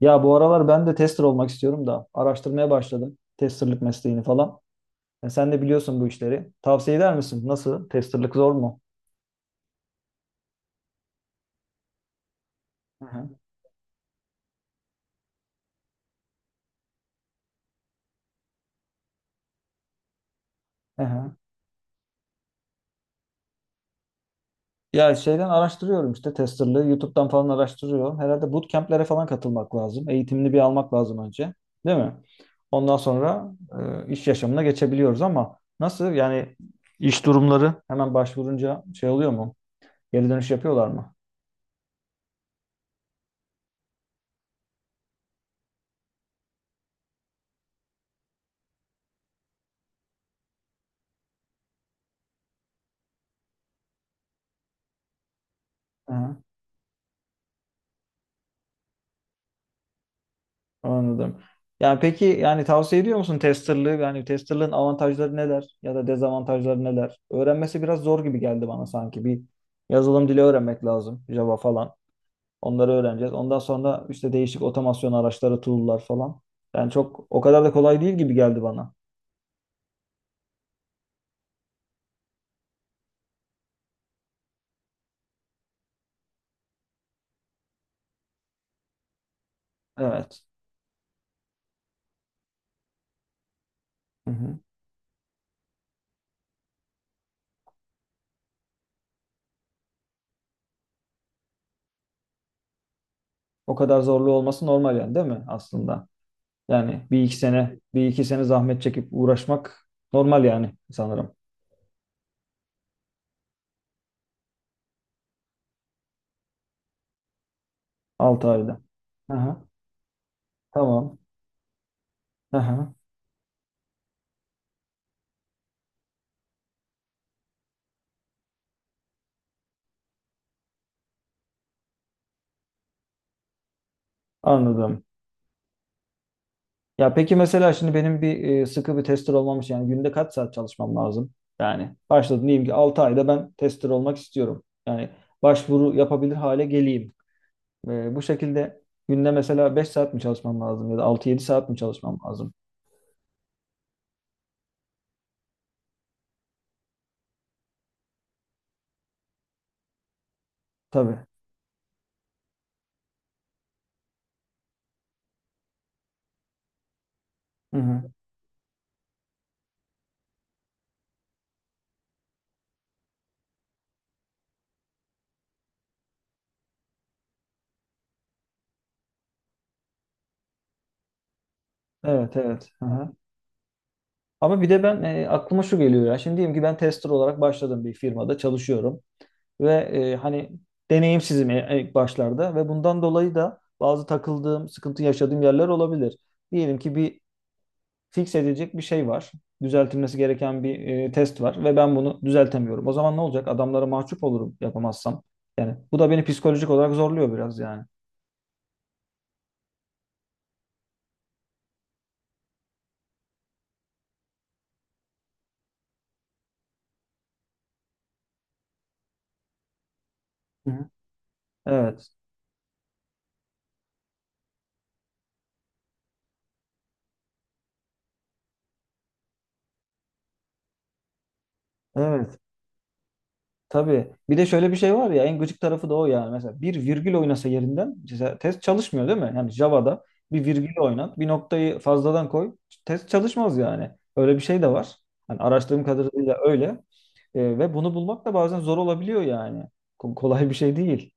Ya bu aralar ben de tester olmak istiyorum da araştırmaya başladım testerlık mesleğini falan. Sen de biliyorsun bu işleri. Tavsiye eder misin? Nasıl? Testerlık zor mu? Hı hı. Hı hı. Ya şeyden araştırıyorum işte testerlığı. YouTube'dan falan araştırıyorum. Herhalde bootcamp'lere falan katılmak lazım. Eğitimini bir almak lazım önce. Değil mi? Ondan sonra iş yaşamına geçebiliyoruz ama nasıl? Yani iş durumları hemen başvurunca şey oluyor mu? Geri dönüş yapıyorlar mı? Hı. Anladım. Yani peki yani tavsiye ediyor musun testerlığı? Yani testerlığın avantajları neler ya da dezavantajları neler? Öğrenmesi biraz zor gibi geldi bana sanki. Bir yazılım dili öğrenmek lazım. Java falan. Onları öğreneceğiz. Ondan sonra işte değişik otomasyon araçları, tool'lar falan. Yani çok o kadar da kolay değil gibi geldi bana. Evet. Hı hı. O kadar zorlu olması normal yani değil mi aslında? Yani bir iki sene, bir iki sene zahmet çekip uğraşmak normal yani sanırım. 6 ayda. Aha, tamam. Aha. Anladım. Ya peki mesela şimdi benim bir sıkı bir tester olmam için yani günde kaç saat çalışmam lazım? Yani başladım diyeyim ki 6 ayda ben tester olmak istiyorum. Yani başvuru yapabilir hale geleyim. Bu şekilde günde mesela 5 saat mi çalışmam lazım ya da altı yedi saat mi çalışmam lazım? Tabii. Hı hı. Evet, evet. Hı hı. Ama bir de ben aklıma şu geliyor ya. Şimdi diyelim ki ben tester olarak başladım bir firmada çalışıyorum. Ve hani deneyimsizim ilk başlarda ve bundan dolayı da bazı takıldığım, sıkıntı yaşadığım yerler olabilir. Diyelim ki bir fix edilecek bir şey var. Düzeltilmesi gereken bir test var ve ben bunu düzeltemiyorum. O zaman ne olacak? Adamlara mahcup olurum yapamazsam. Yani bu da beni psikolojik olarak zorluyor biraz yani. Hı hı. Evet. Evet. Tabii. Bir de şöyle bir şey var ya, en gıcık tarafı da o yani. Mesela bir virgül oynasa yerinden mesela test çalışmıyor değil mi? Yani Java'da bir virgül oynat, bir noktayı fazladan koy, test çalışmaz yani. Öyle bir şey de var. Hani araştırdığım kadarıyla öyle. Ve bunu bulmak da bazen zor olabiliyor yani. Kolay bir şey değil.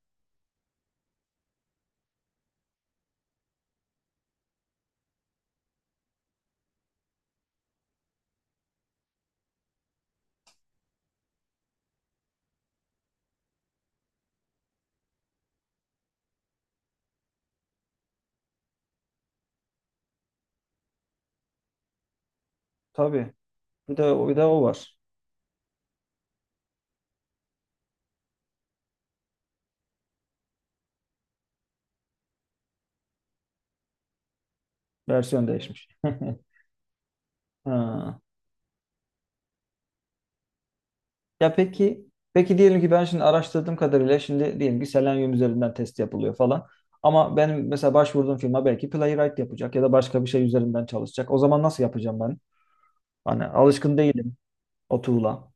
Tabii. Bir de o var. Versiyon değişmiş. Ha. Ya peki diyelim ki ben şimdi araştırdığım kadarıyla şimdi diyelim ki Selenium üzerinden test yapılıyor falan. Ama benim mesela başvurduğum firma belki Playwright yapacak ya da başka bir şey üzerinden çalışacak. O zaman nasıl yapacağım ben? Hani alışkın değilim o tool'a.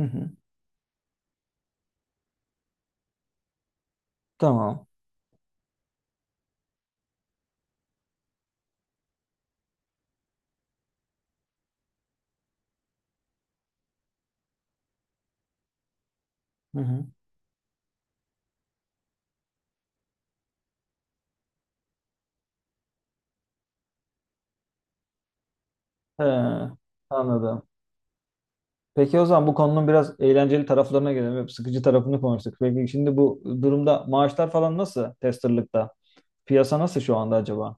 Hı hı. Tamam. Hı hı. He, anladım. Peki o zaman bu konunun biraz eğlenceli taraflarına gelelim. Hep sıkıcı tarafını konuştuk. Peki şimdi bu durumda maaşlar falan nasıl testerlıkta? Piyasa nasıl şu anda acaba?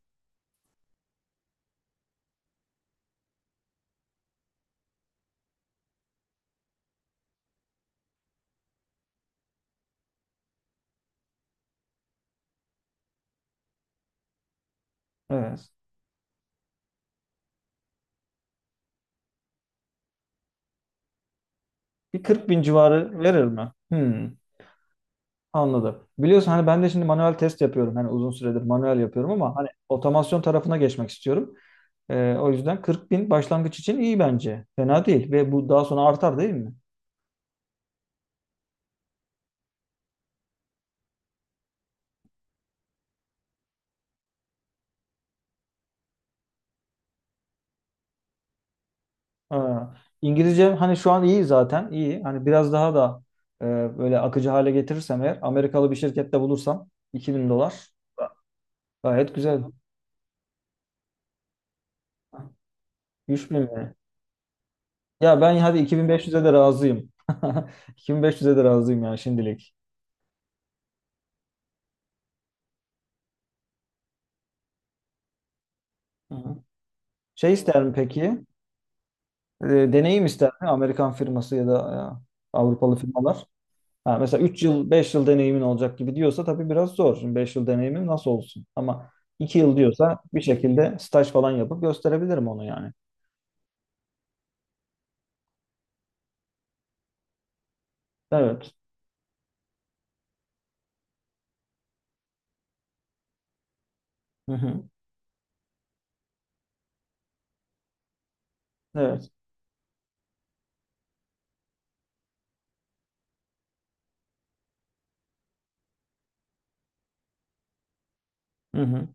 Evet. Bir 40 bin civarı verir mi? Hmm, anladım. Biliyorsun hani ben de şimdi manuel test yapıyorum. Hani uzun süredir manuel yapıyorum ama hani otomasyon tarafına geçmek istiyorum. O yüzden 40 bin başlangıç için iyi bence. Fena değil ve bu daha sonra artar değil mi? Ha, İngilizcem hani şu an iyi, zaten iyi. Hani biraz daha da böyle akıcı hale getirirsem eğer Amerikalı bir şirkette bulursam 2000 dolar gayet güzel. 3000 mi? Ya ben hadi 2500'e de razıyım. 2500'e de razıyım yani şimdilik. Hı hı. Şey ister mi peki? E, Deneyim ister mi? Amerikan firması ya da Avrupalı firmalar. Ha, mesela 3 yıl, 5 yıl deneyimin olacak gibi diyorsa tabii biraz zor. Şimdi 5 yıl deneyimim nasıl olsun? Ama 2 yıl diyorsa bir şekilde staj falan yapıp gösterebilirim onu yani. Evet. Hı hı. Evet. Hı hı.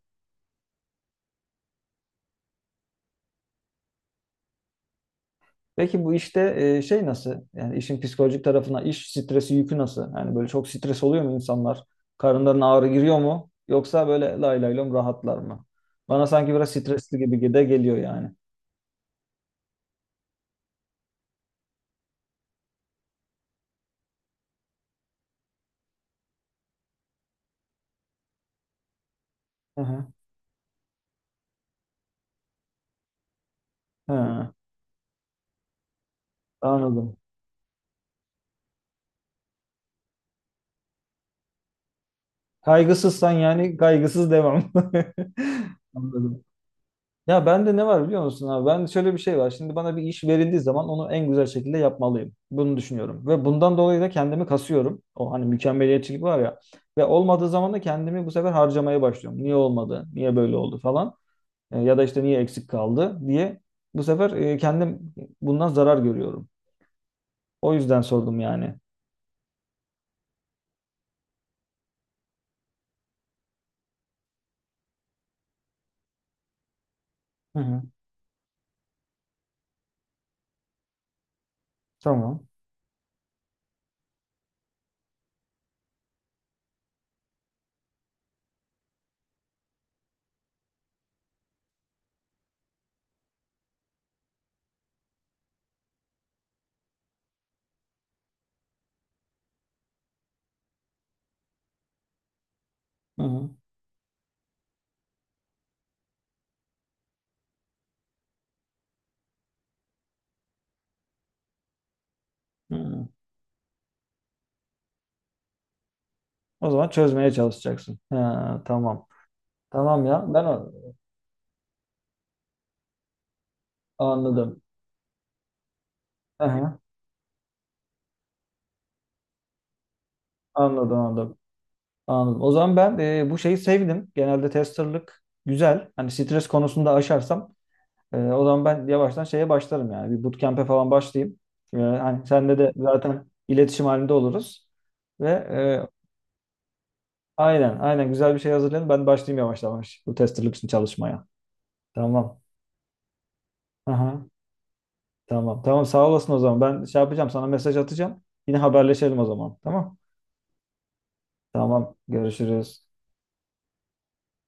Peki bu işte şey nasıl? Yani işin psikolojik tarafına iş stresi yükü nasıl? Yani böyle çok stres oluyor mu insanlar? Karınlarına ağrı giriyor mu? Yoksa böyle lay lay lom rahatlar mı? Bana sanki biraz stresli gibi de geliyor yani. Hı hı. Hı, anladım. Kaygısızsan yani kaygısız devam. Anladım. Ya bende ne var biliyor musun abi? Ben şöyle, bir şey var. Şimdi bana bir iş verildiği zaman onu en güzel şekilde yapmalıyım. Bunu düşünüyorum. Ve bundan dolayı da kendimi kasıyorum. O hani mükemmeliyetçilik var ya. Ve olmadığı zaman da kendimi bu sefer harcamaya başlıyorum. Niye olmadı? Niye böyle oldu falan. Ya da işte niye eksik kaldı diye. Bu sefer kendim bundan zarar görüyorum. O yüzden sordum yani. Hı hı. Tamam. Hı hı. Hı hı. O zaman çözmeye çalışacaksın. Ha, tamam. Tamam ya. Ben anladım. Aha, anladım, anladım. Anladım. O zaman ben bu şeyi sevdim. Genelde testerlık güzel. Hani stres konusunda aşarsam o zaman ben yavaştan şeye başlarım yani. Bir bootcamp'e falan başlayayım. Hani senle de zaten iletişim halinde oluruz. Ve aynen, aynen güzel bir şey hazırlayın. Ben başlayayım yavaş yavaş bu testerlık için çalışmaya. Tamam. Aha, tamam. Tamam, sağ olasın o zaman. Ben şey yapacağım, sana mesaj atacağım. Yine haberleşelim o zaman. Tamam. Tamam. Görüşürüz.